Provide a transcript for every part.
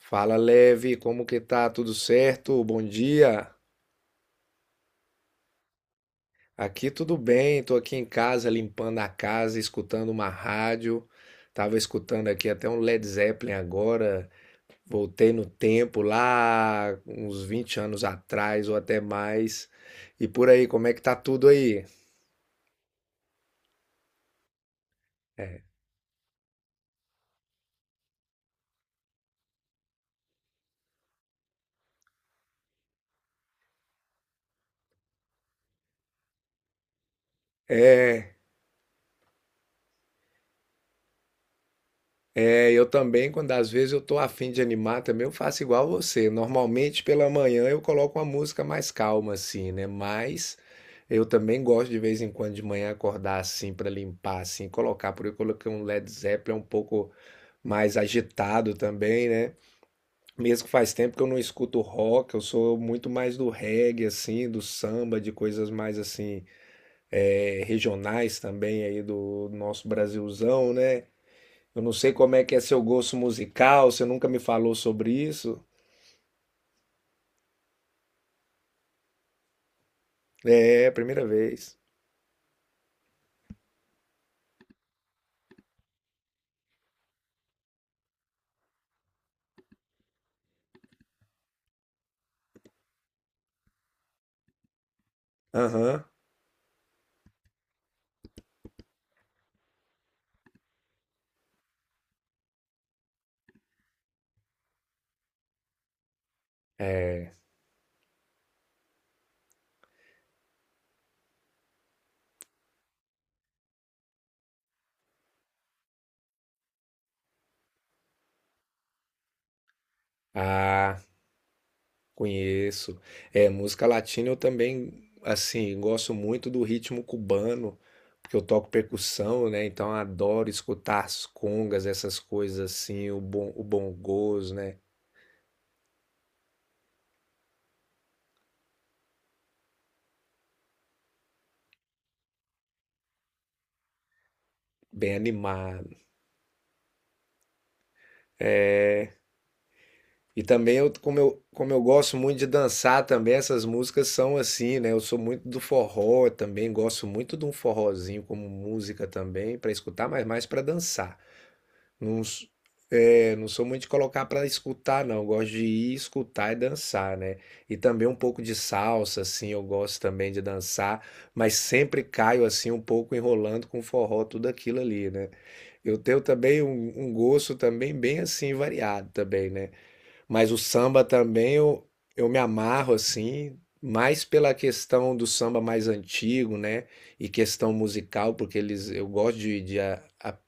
Fala, Leve, como que tá? Tudo certo? Bom dia. Aqui tudo bem, tô aqui em casa limpando a casa, escutando uma rádio. Tava escutando aqui até um Led Zeppelin agora. Voltei no tempo lá, uns 20 anos atrás ou até mais. E por aí, como é que tá tudo aí? É. É, eu também, quando às vezes eu tô afim de animar também, eu faço igual você. Normalmente pela manhã eu coloco uma música mais calma assim, né? Mas eu também gosto de vez em quando de manhã acordar assim para limpar assim, colocar, por eu coloquei um Led Zeppelin um pouco mais agitado também, né? Mesmo que faz tempo que eu não escuto rock, eu sou muito mais do reggae assim, do samba, de coisas mais assim, é, regionais também aí do nosso Brasilzão, né? Eu não sei como é que é seu gosto musical, você nunca me falou sobre isso. É, primeira vez. Aham. É. Ah, conheço. É, música latina eu também, assim, gosto muito do ritmo cubano, porque eu toco percussão, né? Então eu adoro escutar as congas, essas coisas assim, o bom, o bongôs, né? Bem animado. E também eu, como eu gosto muito de dançar também, essas músicas são assim, né? Eu sou muito do forró também, gosto muito de um forrozinho como música também, para escutar, mas mais para dançar. Não, é, não sou muito de colocar para escutar, não. Eu gosto de ir escutar e dançar, né? E também um pouco de salsa, assim, eu gosto também de dançar, mas sempre caio assim um pouco enrolando com forró, tudo aquilo ali, né? Eu tenho também um gosto também bem assim variado também, né? Mas o samba também eu me amarro assim, mais pela questão do samba mais antigo, né? E questão musical, porque eles eu gosto de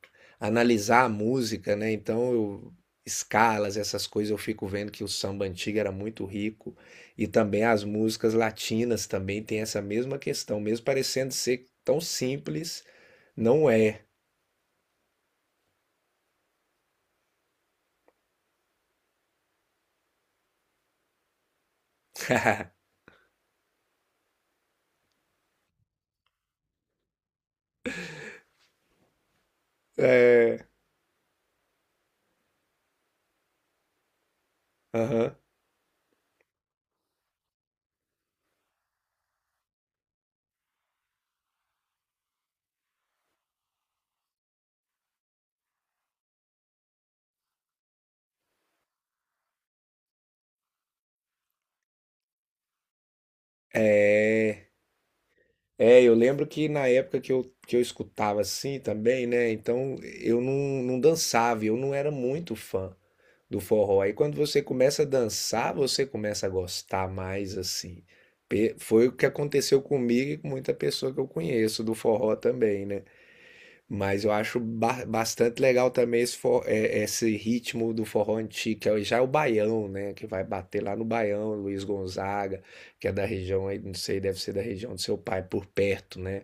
analisar a música, né? Então eu, escalas, essas coisas, eu fico vendo que o samba antigo era muito rico. E também as músicas latinas também tem essa mesma questão, mesmo parecendo ser tão simples, não é. Aham. É. É, eu lembro que na época que eu escutava assim também, né? Então eu não dançava, eu não era muito fã do forró. Aí quando você começa a dançar, você começa a gostar mais assim. Foi o que aconteceu comigo e com muita pessoa que eu conheço do forró também, né? Mas eu acho bastante legal também esse, esse ritmo do forró antigo, que é já é o baião, né? Que vai bater lá no baião, Luiz Gonzaga, que é da região aí, não sei, deve ser da região do seu pai, por perto, né?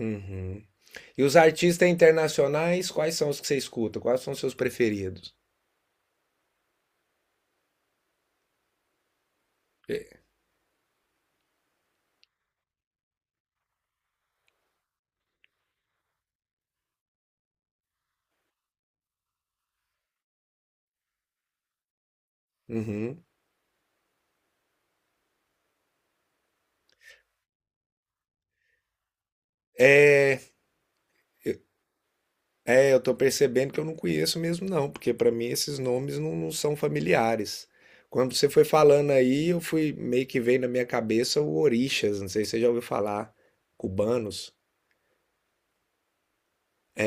Uhum. E os artistas internacionais, quais são os que você escuta? Quais são os seus preferidos? É. Uhum. É, eu tô percebendo que eu não conheço mesmo, não, porque pra mim esses nomes não são familiares. Quando você foi falando aí, eu fui meio que veio na minha cabeça o Orixás, não sei se você já ouviu falar, cubanos.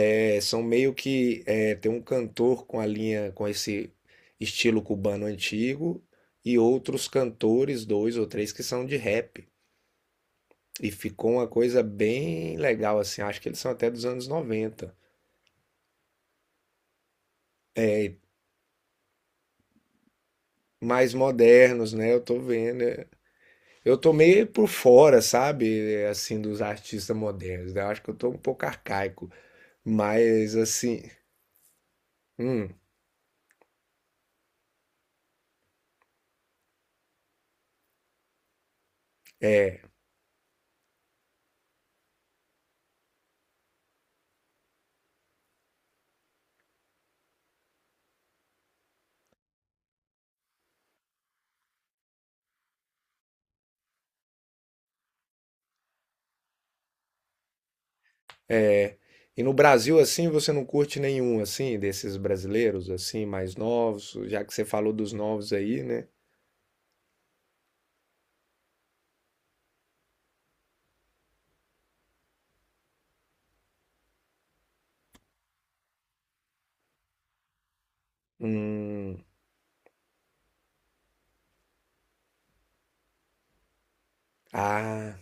É, são meio que é, tem um cantor com a linha, com esse estilo cubano antigo e outros cantores, dois ou três, que são de rap. E ficou uma coisa bem legal, assim. Acho que eles são até dos anos 90. Mais modernos, né? Eu tô vendo. É. Eu tô meio por fora, sabe? É, assim, dos artistas modernos, né? Eu acho que eu tô um pouco arcaico. Mas, assim. Hum, é. E no Brasil, assim, você não curte nenhum, assim, desses brasileiros, assim, mais novos? Já que você falou dos novos aí, né? Hum. Ah.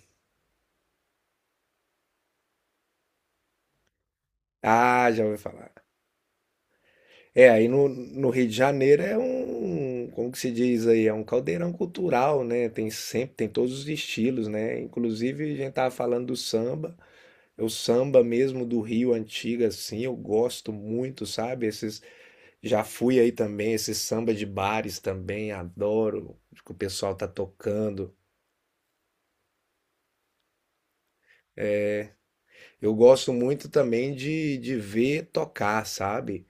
Ah, já ouvi falar. É, aí no, Rio de Janeiro é um, como que se diz aí, é um caldeirão cultural, né? Tem sempre, tem todos os estilos, né? Inclusive a gente tava falando do samba, é o samba mesmo do Rio antigo assim, eu gosto muito, sabe? Esses já fui aí também, esses samba de bares também, adoro que o pessoal tá tocando. Eu gosto muito também de ver tocar, sabe?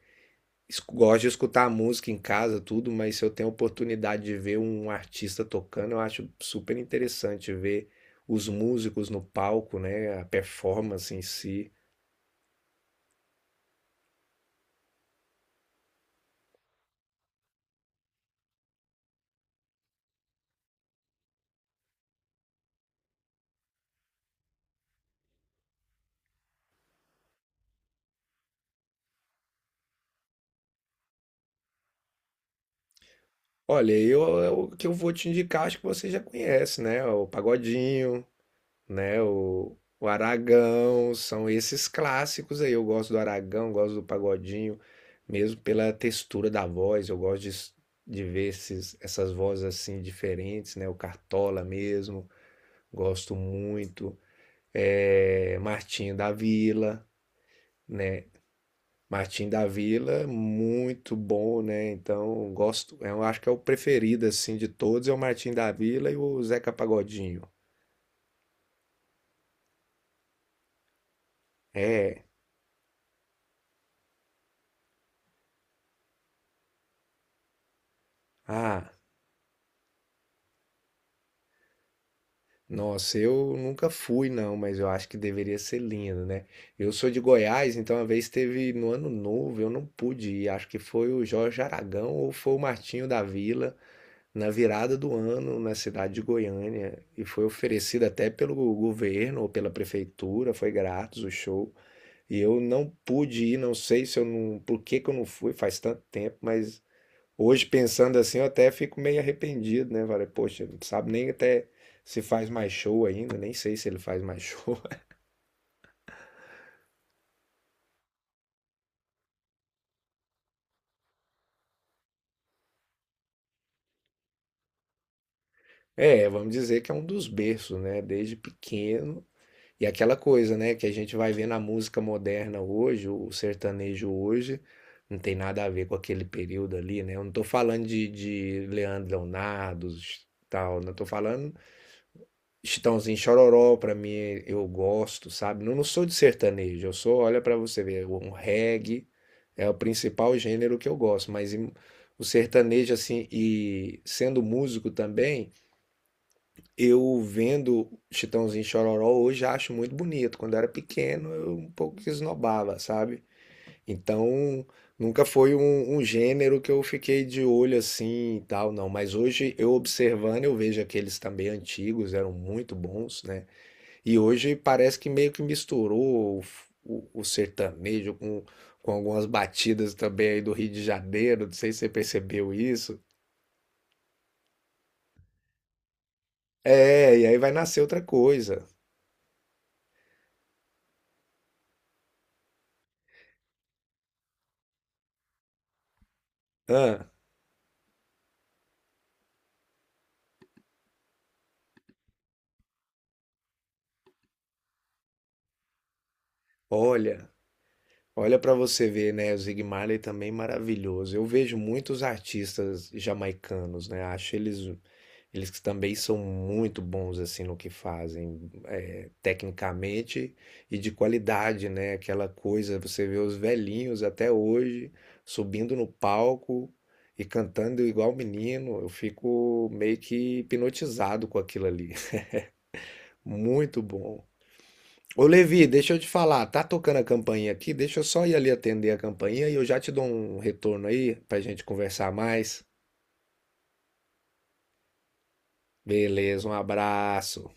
Gosto de escutar música em casa, tudo, mas se eu tenho a oportunidade de ver um artista tocando, eu acho super interessante ver os músicos no palco, né? A performance em si. Olha, o que eu vou te indicar, acho que você já conhece, né? O Pagodinho, né? O Aragão, são esses clássicos aí. Eu gosto do Aragão, gosto do Pagodinho, mesmo pela textura da voz, eu gosto de ver esses, essas vozes assim diferentes, né? O Cartola mesmo. Gosto muito. É, Martinho da Vila, né? Martinho da Vila, muito bom, né? Então, gosto, eu acho que é o preferido assim de todos, é o Martinho da Vila e o Zeca Pagodinho. É. Ah, nossa, eu nunca fui não, mas eu acho que deveria ser lindo, né? Eu sou de Goiás, então uma vez teve no Ano Novo, eu não pude ir, acho que foi o Jorge Aragão ou foi o Martinho da Vila na virada do ano na cidade de Goiânia e foi oferecido até pelo governo ou pela prefeitura, foi grátis o show. E eu não pude ir, não sei se eu não, por que que eu não fui, faz tanto tempo, mas hoje pensando assim, eu até fico meio arrependido, né? Falei, poxa, não sabe nem até se faz mais show ainda, nem sei se ele faz mais show. É, vamos dizer que é um dos berços, né? Desde pequeno. E aquela coisa, né, que a gente vai ver na música moderna hoje, o sertanejo hoje, não tem nada a ver com aquele período ali, né? Eu não tô falando de Leandro Leonardo, tal, não tô falando Chitãozinho Chororó, pra mim eu gosto, sabe? Não, não sou de sertanejo, eu sou, olha pra você ver, um reggae é o principal gênero que eu gosto, mas o sertanejo assim, e sendo músico também, eu vendo Chitãozinho e Chororó hoje acho muito bonito. Quando eu era pequeno, eu um pouco que esnobava, sabe? Então, nunca foi um gênero que eu fiquei de olho assim e tal, não. Mas hoje, eu observando, eu vejo aqueles também antigos, eram muito bons, né? E hoje parece que meio que misturou o sertanejo com algumas batidas também aí do Rio de Janeiro. Não sei se você percebeu isso. É, e aí vai nascer outra coisa. Ah, olha. Olha para você ver, né? O Zig Marley também maravilhoso. Eu vejo muitos artistas jamaicanos, né? Acho eles que também são muito bons assim no que fazem, é, tecnicamente e de qualidade, né? Aquela coisa, você vê os velhinhos até hoje subindo no palco e cantando igual menino. Eu fico meio que hipnotizado com aquilo ali. Muito bom. Ô Levi, deixa eu te falar, tá tocando a campainha aqui? Deixa eu só ir ali atender a campainha e eu já te dou um retorno aí pra gente conversar mais. Beleza, um abraço.